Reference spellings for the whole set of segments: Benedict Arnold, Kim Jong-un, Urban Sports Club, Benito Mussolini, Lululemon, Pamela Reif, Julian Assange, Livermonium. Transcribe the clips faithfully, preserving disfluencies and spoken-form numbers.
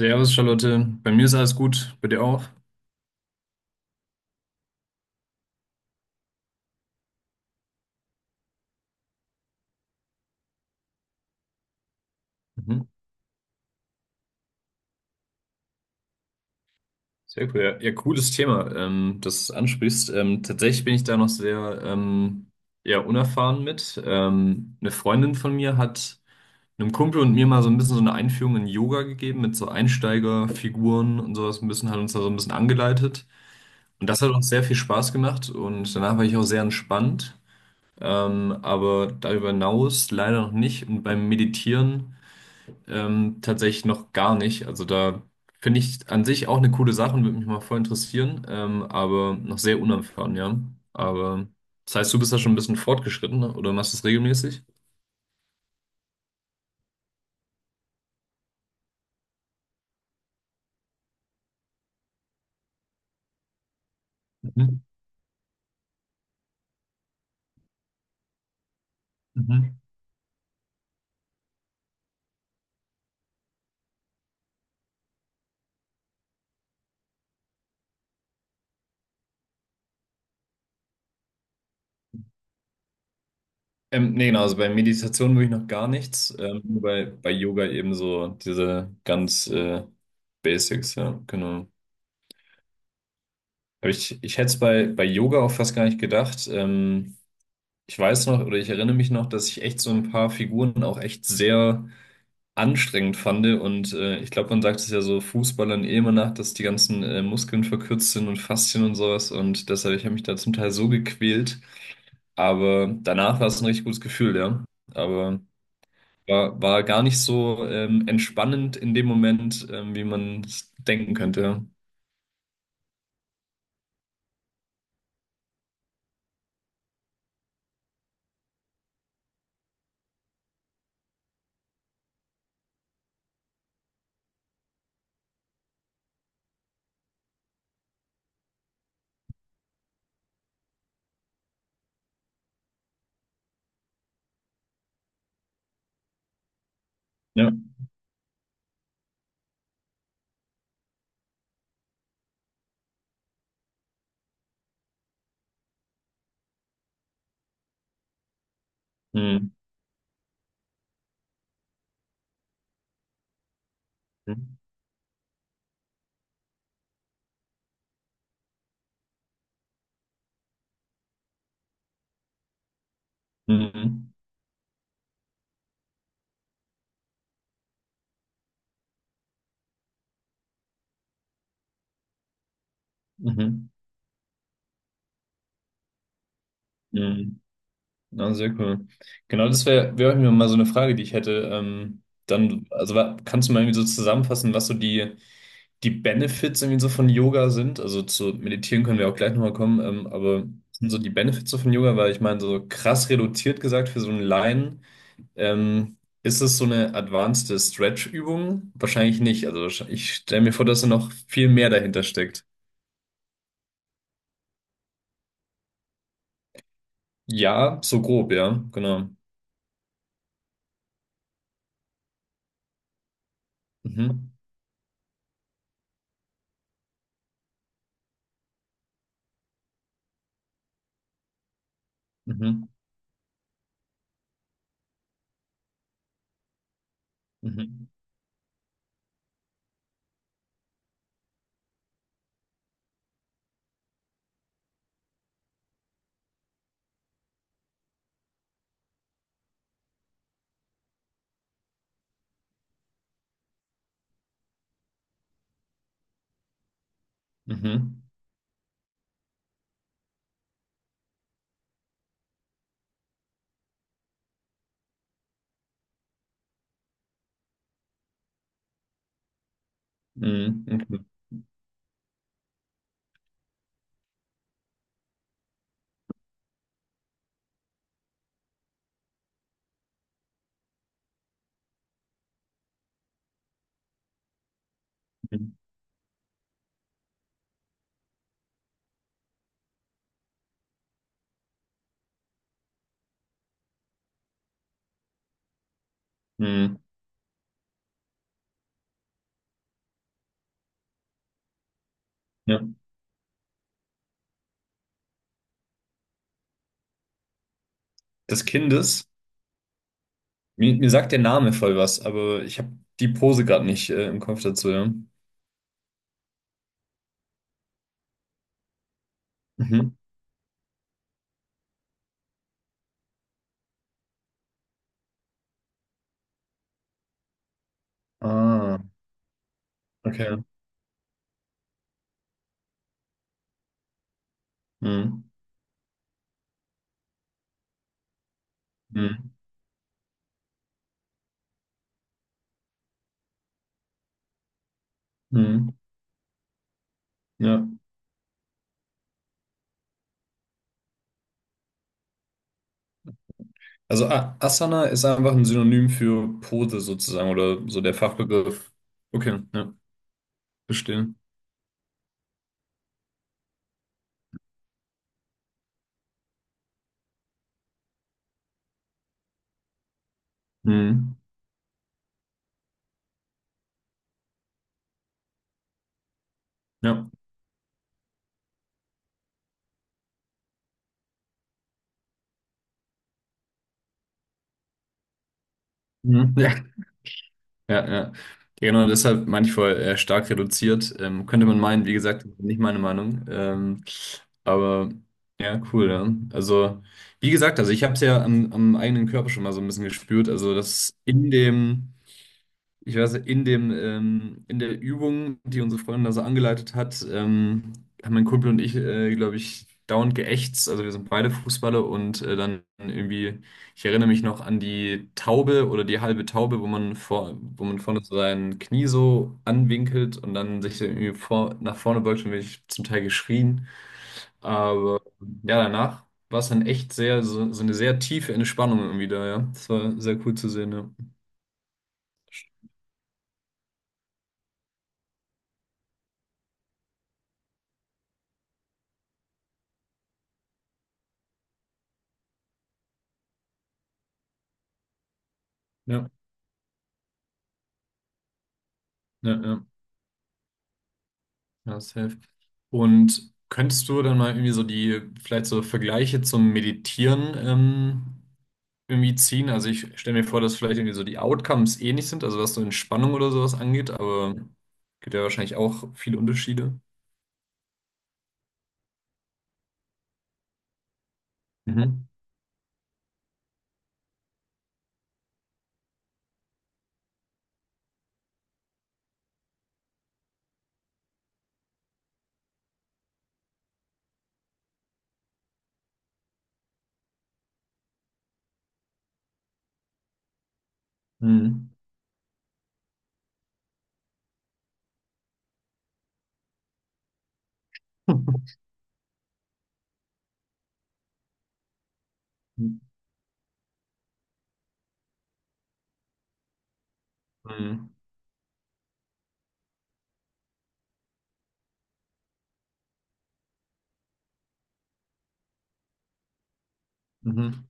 Servus, Charlotte. Bei mir ist alles gut. Bei dir auch? Mhm. Sehr cool. Ja, ja, cooles Thema, ähm, das du ansprichst. Ähm, tatsächlich bin ich da noch sehr ähm, ja, unerfahren mit. Ähm, eine Freundin von mir hat einem Kumpel und mir mal so ein bisschen so eine Einführung in Yoga gegeben mit so Einsteigerfiguren und sowas. Ein bisschen hat uns da so ein bisschen angeleitet. Und das hat uns sehr viel Spaß gemacht und danach war ich auch sehr entspannt. Ähm, aber darüber hinaus leider noch nicht. Und beim Meditieren. Ähm, tatsächlich noch gar nicht. Also da finde ich an sich auch eine coole Sache und würde mich mal voll interessieren, ähm, aber noch sehr unerfahren, ja. Aber das heißt, du bist da schon ein bisschen fortgeschritten, ne? Oder machst du es regelmäßig? Mhm. Mhm. Ähm, nee, genau, also bei Meditation würde ich noch gar nichts, ähm, nur bei, bei Yoga eben so diese ganz äh, Basics, ja, genau. Aber ich, ich hätte es bei, bei Yoga auch fast gar nicht gedacht. Ähm, ich weiß noch oder ich erinnere mich noch, dass ich echt so ein paar Figuren auch echt sehr anstrengend fand. Und äh, ich glaube, man sagt es ja so Fußballern eh immer nach, dass die ganzen äh, Muskeln verkürzt sind und Faszien und sowas. Und deshalb, ich habe mich da zum Teil so gequält. Aber danach war es ein richtig gutes Gefühl, ja. Aber war, war gar nicht so ähm, entspannend in dem Moment, ähm, wie man es denken könnte. Ja. Ja. Mhm. Mhm. Mhm. Mhm. Na, sehr cool. Genau, das wäre wär wär auch mir mal so eine Frage, die ich hätte. Ähm, dann, also wa- kannst du mal irgendwie so zusammenfassen, was so die die Benefits irgendwie so von Yoga sind. Also zu meditieren können wir auch gleich nochmal kommen, ähm, aber was sind so die Benefits so von Yoga, weil ich meine, so krass reduziert gesagt für so einen Laien, ähm, ist es so eine advanced Stretch-Übung? Wahrscheinlich nicht. Also wahrsch- ich stelle mir vor, dass da noch viel mehr dahinter steckt. Ja, so grob, ja, genau. Mhm. Mhm. Mhm. Mhm. Mhm. Mhm. Mhm. Mhm. Ja. Des Kindes. Mir, mir sagt der Name voll was, aber ich habe die Pose gerade nicht äh, im Kopf dazu, ja. Mhm. Ah, okay. Mhm. Mhm. Mhm. Ja. Also A Asana ist einfach ein Synonym für Pose sozusagen oder so der Fachbegriff. Okay, ja, verstehe. Mhm. Ja. Mhm. Ja. Ja, ja. Ja, genau, deshalb manchmal äh, stark reduziert. Ähm, könnte man meinen, wie gesagt, nicht meine Meinung. Ähm, aber ja, cool, ja. Also, wie gesagt, also ich habe es ja am, am eigenen Körper schon mal so ein bisschen gespürt. Also, dass in dem ich weiß, in dem, ähm, in der Übung, die unsere Freundin da so angeleitet hat, ähm, haben mein Kumpel und ich, äh, glaube ich, dauernd geächtzt. Also wir sind beide Fußballer und äh, dann irgendwie, ich erinnere mich noch an die Taube oder die halbe Taube, wo man vor, wo man vorne so sein Knie so anwinkelt und dann sich so irgendwie vor, nach vorne beugt und wirklich zum Teil geschrien. Aber ja, danach war es dann echt sehr, so, so eine sehr tiefe Entspannung irgendwie da, ja. Das war sehr cool zu sehen, ja. Ja, ja, ja. Ja, safe. Und könntest du dann mal irgendwie so die, vielleicht so Vergleiche zum Meditieren ähm, irgendwie ziehen? Also ich stelle mir vor, dass vielleicht irgendwie so die Outcomes ähnlich sind, also was so Entspannung oder sowas angeht, aber gibt ja wahrscheinlich auch viele Unterschiede. Mhm. Mhm. Mhm. Mhm.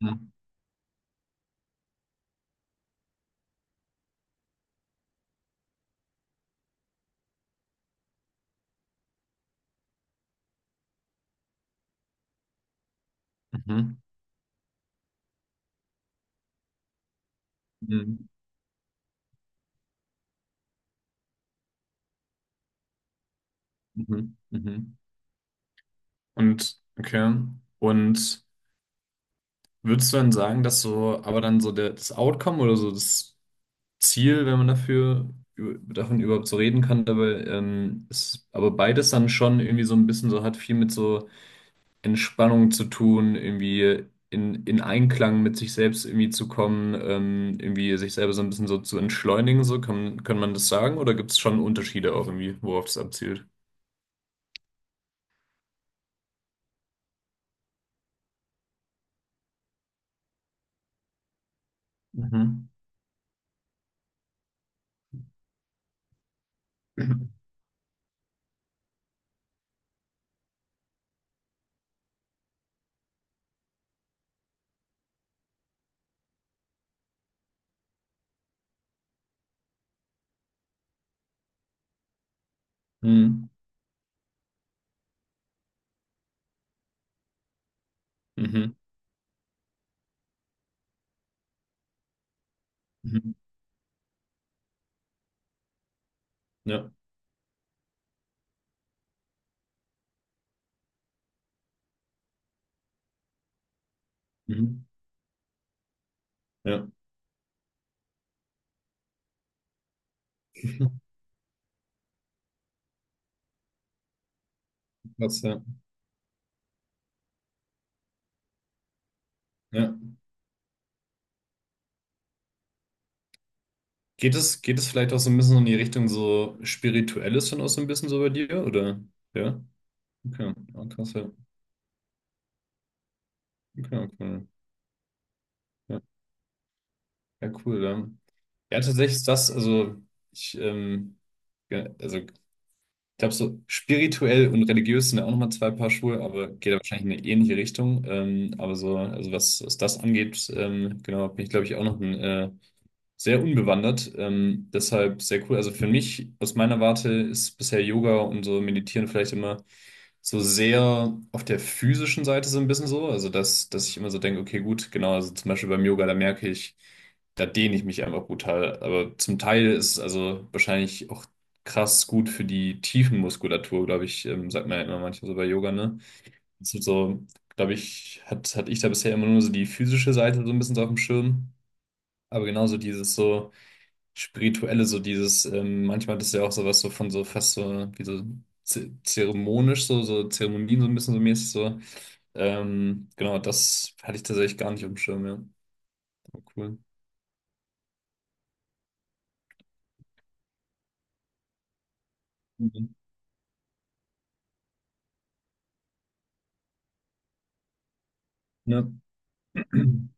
Mhm. Mhm. Mhm. Mhm. Mhm. Mhm. Und, okay. Und würdest du dann sagen, dass so, aber dann so der, das Outcome oder so das Ziel, wenn man dafür über- davon überhaupt so reden kann, dabei ähm, ist aber beides dann schon irgendwie so ein bisschen so hat viel mit so Entspannung zu tun, irgendwie in, in Einklang mit sich selbst irgendwie zu kommen, ähm, irgendwie sich selber so ein bisschen so zu entschleunigen, so kann, kann man das sagen, oder gibt es schon Unterschiede auch irgendwie, worauf das abzielt? Mhm. Mhm. Mhm. Mhm. Ja. Mhm. Ja. Krass, ja. Ja. Geht es, geht es vielleicht auch so ein bisschen in die Richtung so Spirituelles dann auch so ein bisschen so bei dir, oder? Ja? Okay, ja, krass, ja. Okay, okay. Ja, ja, cool, ja. Ja, tatsächlich ist das, also ich, ähm, ja, also ich glaube, so spirituell und religiös sind ja auch nochmal zwei Paar Schuhe, aber geht ja wahrscheinlich in eine ähnliche Richtung. Ähm, aber so, also was, was das angeht, ähm, genau, bin ich, glaube ich, auch noch ein äh, sehr unbewandert, ähm, deshalb sehr cool. Also für mich, aus meiner Warte, ist bisher Yoga und so Meditieren vielleicht immer so sehr auf der physischen Seite so ein bisschen so. Also dass, dass ich immer so denke, okay, gut, genau, also zum Beispiel beim Yoga, da merke ich, da dehne ich mich einfach brutal. Aber zum Teil ist es also wahrscheinlich auch krass gut für die Tiefenmuskulatur, glaube ich, ähm, sagt man ja immer manchmal so bei Yoga, ne? Das ist so, glaube ich, hat, hatte ich da bisher immer nur so die physische Seite so ein bisschen so auf dem Schirm. Aber genauso dieses so Spirituelle, so dieses, ähm, manchmal das ist ja auch sowas so von so fast so, wie so ze- zeremonisch, so, so Zeremonien so ein bisschen so mäßig so. Ähm, genau, das hatte ich tatsächlich gar nicht auf dem Schirm, ja. Oh, cool. Mhm. Ja.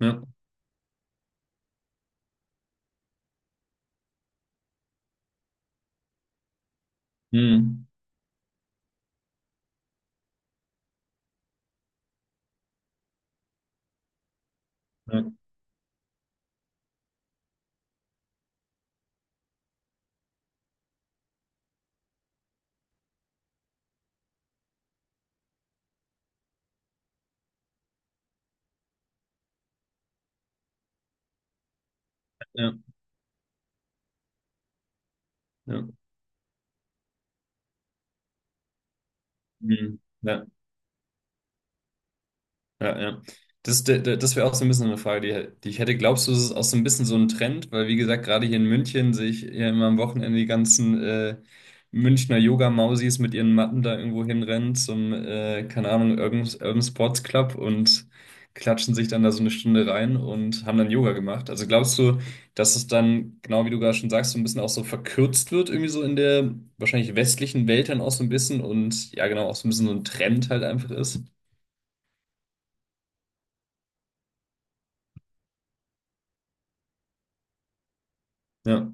Ja. Mhm. Ja. Ja. Ja. Mhm. Ja. Ja, ja. Das, d- d- das wäre auch so ein bisschen so eine Frage, die, die ich hätte. Glaubst du, es ist auch so ein bisschen so ein Trend? Weil, wie gesagt, gerade hier in München sehe ich ja immer am Wochenende die ganzen äh, Münchner Yoga-Mausis mit ihren Matten da irgendwo hinrennen zum, äh, keine Ahnung, Urban, Urban Sports Club und klatschen sich dann da so eine Stunde rein und haben dann Yoga gemacht. Also glaubst du, dass es dann, genau wie du gerade schon sagst, so ein bisschen auch so verkürzt wird, irgendwie so in der wahrscheinlich westlichen Welt dann auch so ein bisschen und ja, genau, auch so ein bisschen so ein Trend halt einfach ist? Ja,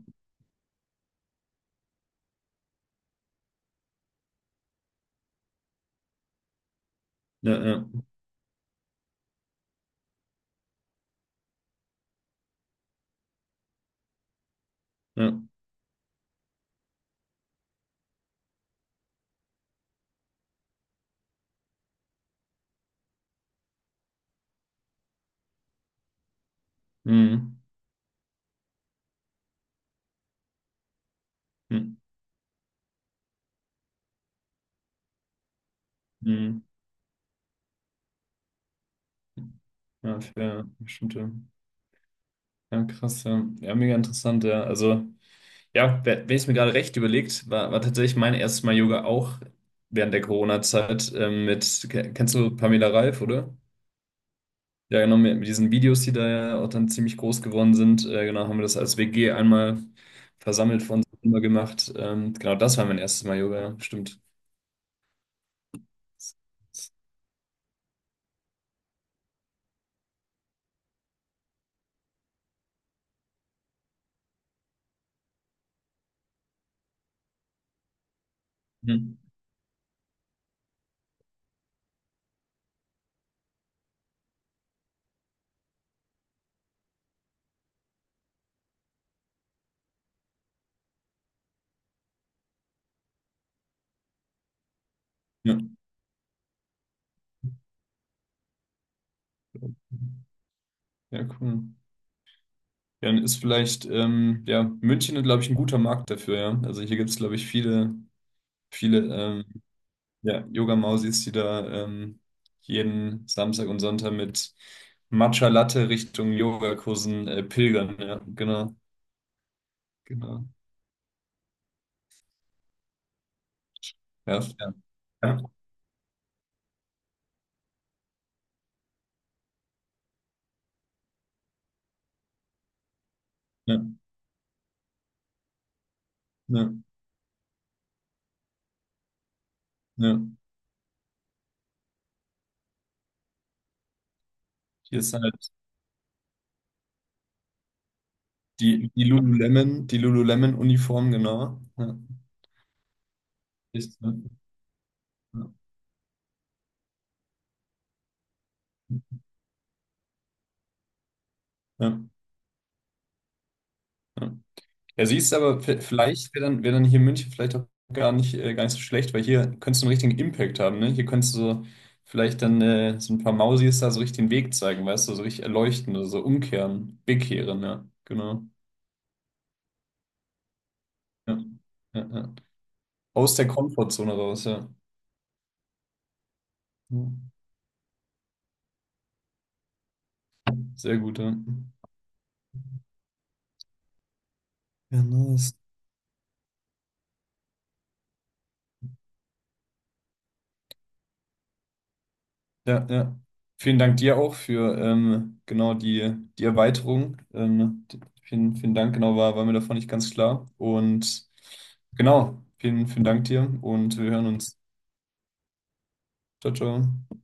ja, ja. Ja. Mhm. Mhm. Mhm. Ja, für bestimmte. Ja, ja, krass, ja. Ja, mega interessant, ja. Also, ja, wer- wenn ich es mir gerade recht überlegt, war, war tatsächlich mein erstes Mal Yoga auch während der Corona-Zeit ähm, mit, ke- kennst du Pamela Reif, oder? Ja, genau, mit, mit diesen Videos, die da ja auch dann ziemlich groß geworden sind, äh, genau, haben wir das als W G einmal versammelt vor uns immer gemacht. Ähm, genau, das war mein erstes Mal Yoga, ja, stimmt. Mhm. Ja, ja, cool. Dann ist vielleicht, ähm, ja, München, glaube ich, ein guter Markt dafür, ja. Also hier gibt es, glaube ich, viele, viele ähm, ja, Yoga-Mausis, die da ähm, jeden Samstag und Sonntag mit Matcha Latte Richtung Yogakursen äh, pilgern, ja, genau, genau. Ja, ja, ja, ja, ja, ja. Hier ist halt die, die Lululemon, die Lululemon-Uniform, genau. Ja, ist, ja, ja, ja. Ja. Ja, siehst du, aber v- vielleicht wäre dann, wär dann hier in München vielleicht auch gar nicht, äh, gar nicht so schlecht, weil hier könntest du einen richtigen Impact haben, ne? Hier könntest du so vielleicht dann äh, so ein paar Mausis da so richtig den Weg zeigen, weißt du, so richtig erleuchten oder so umkehren, bekehren, ja, genau. Ja, ja, ja. Aus der Komfortzone raus, ja. Ja, sehr gut, ja. Ja, nice. Ja, ja. Vielen Dank dir auch für ähm, genau die, die Erweiterung. Ähm, die, vielen, vielen Dank, genau, war, war mir davon nicht ganz klar. Und genau, vielen, vielen Dank dir und wir hören uns. Ciao, ciao.